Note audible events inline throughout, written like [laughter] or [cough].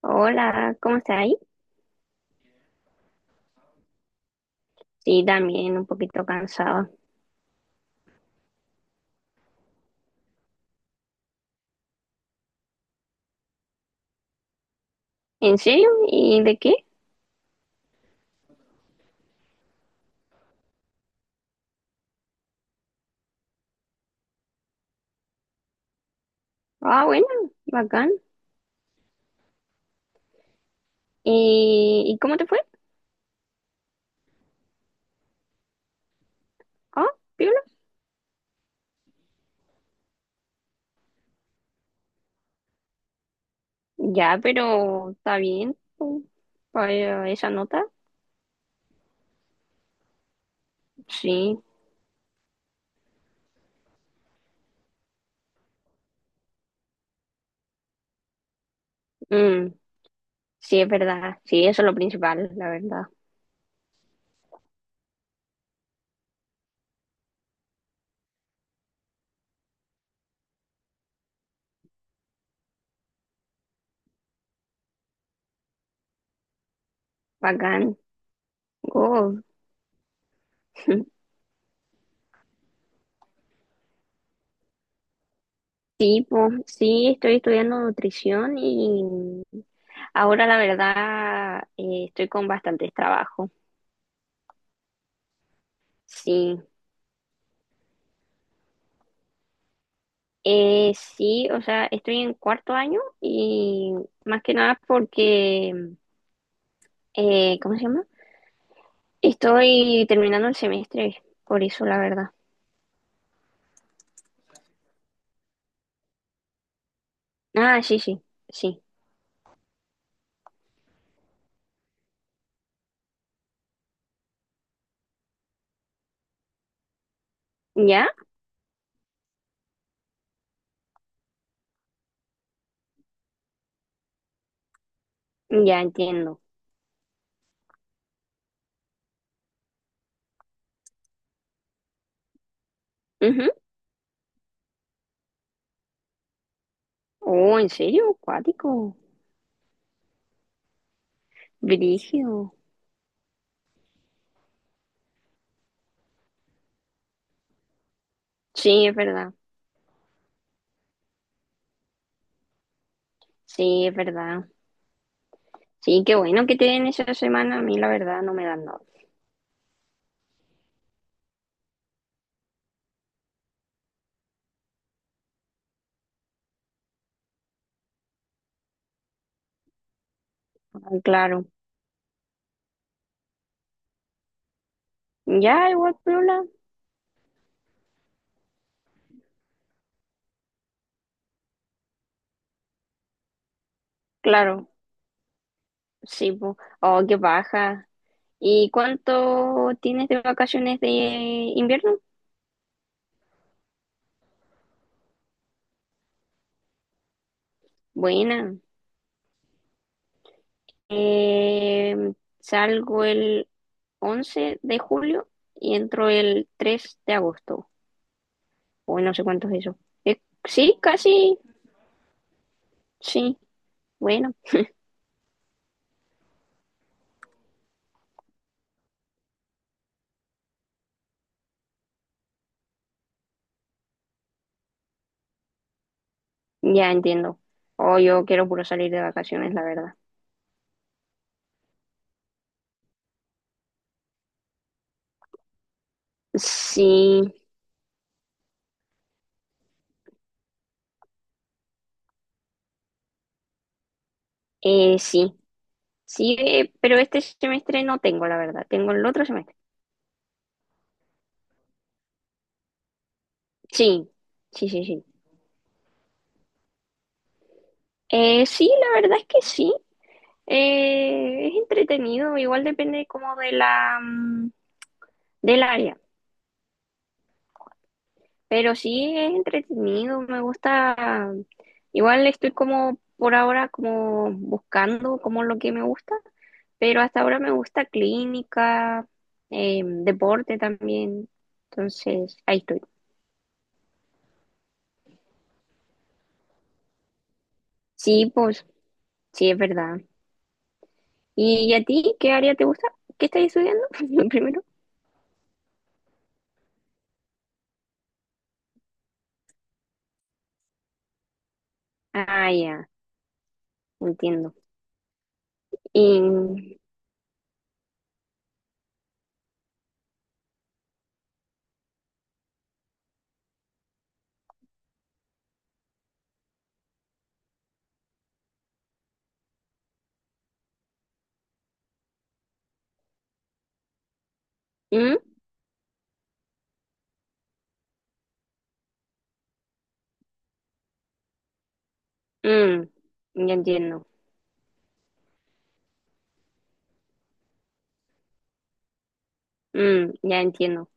Hola, ¿cómo estás ahí? Sí, también un poquito cansado. ¿En serio? ¿Y de qué? Ah, bueno, bacán. ¿Y cómo te fue? Ah, piola. Ya, pero está bien pues, para esa nota. Sí, mm, sí, es verdad. Sí, eso es lo principal, la verdad. Bacán. Oh, [laughs] tipo, sí, estoy estudiando nutrición y ahora la verdad estoy con bastantes trabajos. Sí. Sí, o sea, estoy en cuarto año y más que nada porque, ¿cómo se llama? Estoy terminando el semestre, por eso la verdad. Ah, sí, sí, sí. ¿Ya? Ya entiendo. Ujú. Oh, ¿en serio? Cuático. Brígido. Sí, es verdad. Sí, es verdad. Sí, qué bueno que te den esa semana. A mí la verdad no me dan nada. Ah, claro. Ya, igual, piola. Claro. Sí, po. Oh, qué baja. ¿Y cuánto tienes de vacaciones de invierno? Buena. Eh, salgo el 11 de julio y entro el 3 de agosto. Uy, no sé cuánto es eso. Sí, casi. Sí, bueno, ya entiendo. Oh, yo quiero puro salir de vacaciones, la verdad. Sí, sí. Sí, pero este semestre no tengo, la verdad. Tengo el otro semestre. Sí, sí, sí, sí. Sí, la verdad es que sí. Es entretenido, igual depende como de la del área, pero sí es entretenido, me gusta. Igual estoy como por ahora como buscando como lo que me gusta, pero hasta ahora me gusta clínica, deporte también, entonces ahí estoy. Sí, pues sí es verdad. ¿Y a ti qué área te gusta? ¿Qué estás estudiando? [laughs] Primero. Ah, ya, entiendo. Y mm, ya entiendo. Mm, ya entiendo.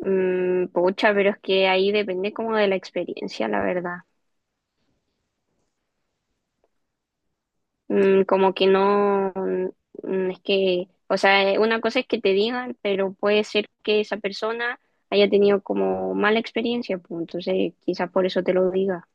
Mm, pucha, pero es que ahí depende como de la experiencia, la verdad. Como que no, es que, o sea, una cosa es que te digan, pero puede ser que esa persona haya tenido como mala experiencia, pues entonces quizás por eso te lo diga.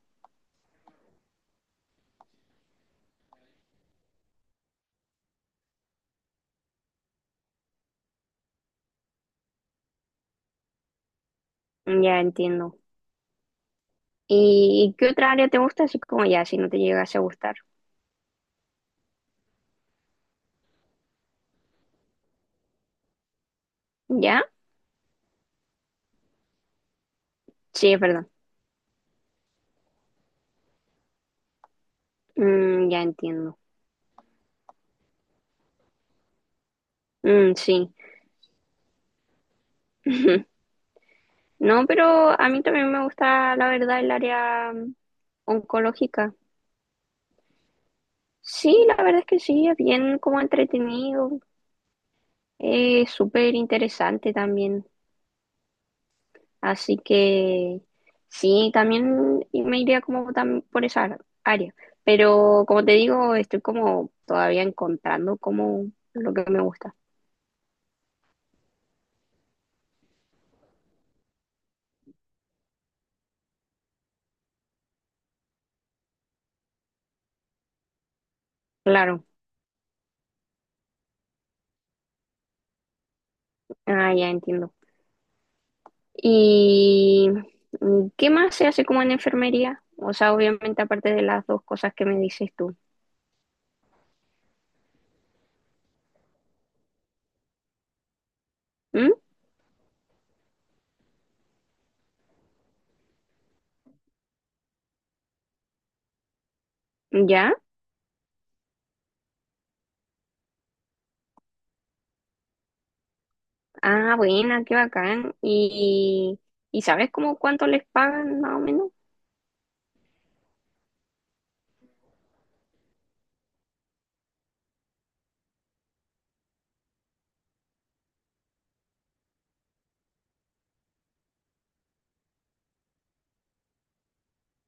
Mm, ya entiendo. ¿Y qué otra área te gusta? Así como ya, si no te llegase a gustar. ¿Ya? Sí, es verdad. Mm, ya entiendo. Mm, sí. [laughs] No, pero a mí también me gusta, la verdad, el área oncológica. Sí, la verdad es que sí, es bien como entretenido, es súper interesante también. Así que sí, también me iría como tam- por esa área. Pero como te digo, estoy como todavía encontrando como lo que me gusta. Claro, ah, ya entiendo. ¿Y qué más se hace como en enfermería? O sea, obviamente aparte de las dos cosas que me dices tú. ¿Mm? ¿Ya? Ah, buena, qué bacán. ¿Y sabes cómo cuánto les pagan más o menos?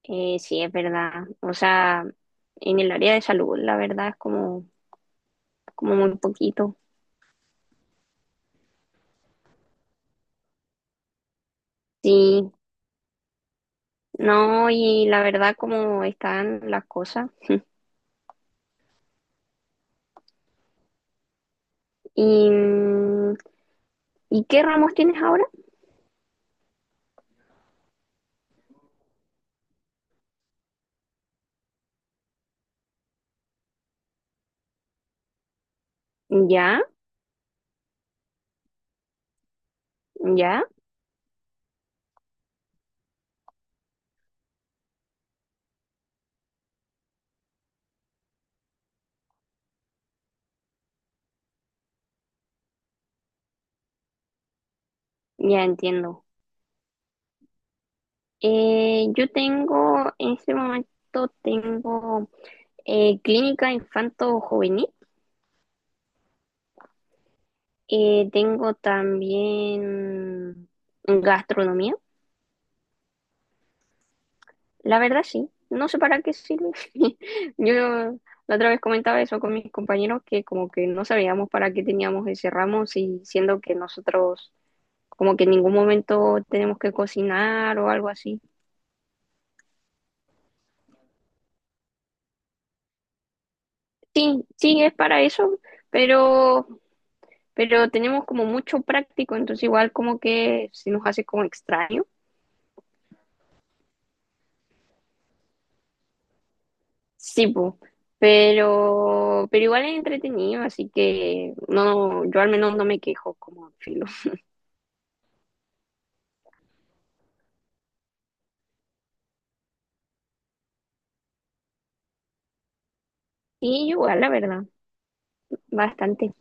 Sí, es verdad. O sea, en el área de salud, la verdad es como, como muy poquito. Sí, no, y la verdad cómo están las cosas. ¿Y, y qué ramos tienes ahora? Ya, ya, ya entiendo. Yo tengo, en este momento tengo clínica infanto-juvenil. Tengo también gastronomía. La verdad sí, no sé para qué sirve. [laughs] Yo la otra vez comentaba eso con mis compañeros que como que no sabíamos para qué teníamos ese ramo, si, siendo que nosotros como que en ningún momento tenemos que cocinar o algo así. Sí, sí, es para eso, pero, pero tenemos como mucho práctico, entonces igual como que se nos hace como extraño. Sí, po. Pero igual es entretenido, así que no, yo al menos no me quejo como filo. Y igual, la verdad, bastante.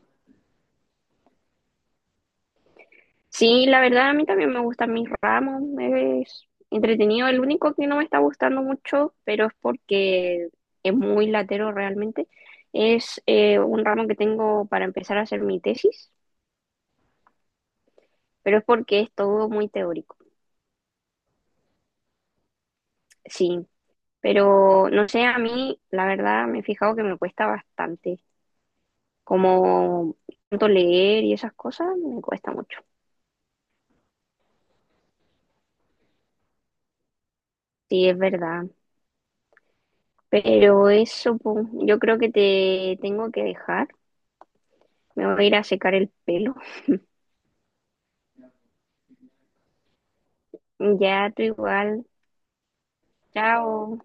Sí, la verdad, a mí también me gustan mis ramos, es entretenido. El único que no me está gustando mucho, pero es porque es muy latero realmente, es un ramo que tengo para empezar a hacer mi tesis, pero es porque es todo muy teórico. Sí, pero no sé, a mí, la verdad, me he fijado que me cuesta bastante, como tanto leer y esas cosas, me cuesta mucho. Sí, es verdad. Pero eso, po, yo creo que te tengo que dejar. Me voy a ir a secar el pelo. Ya, tú igual. Chao.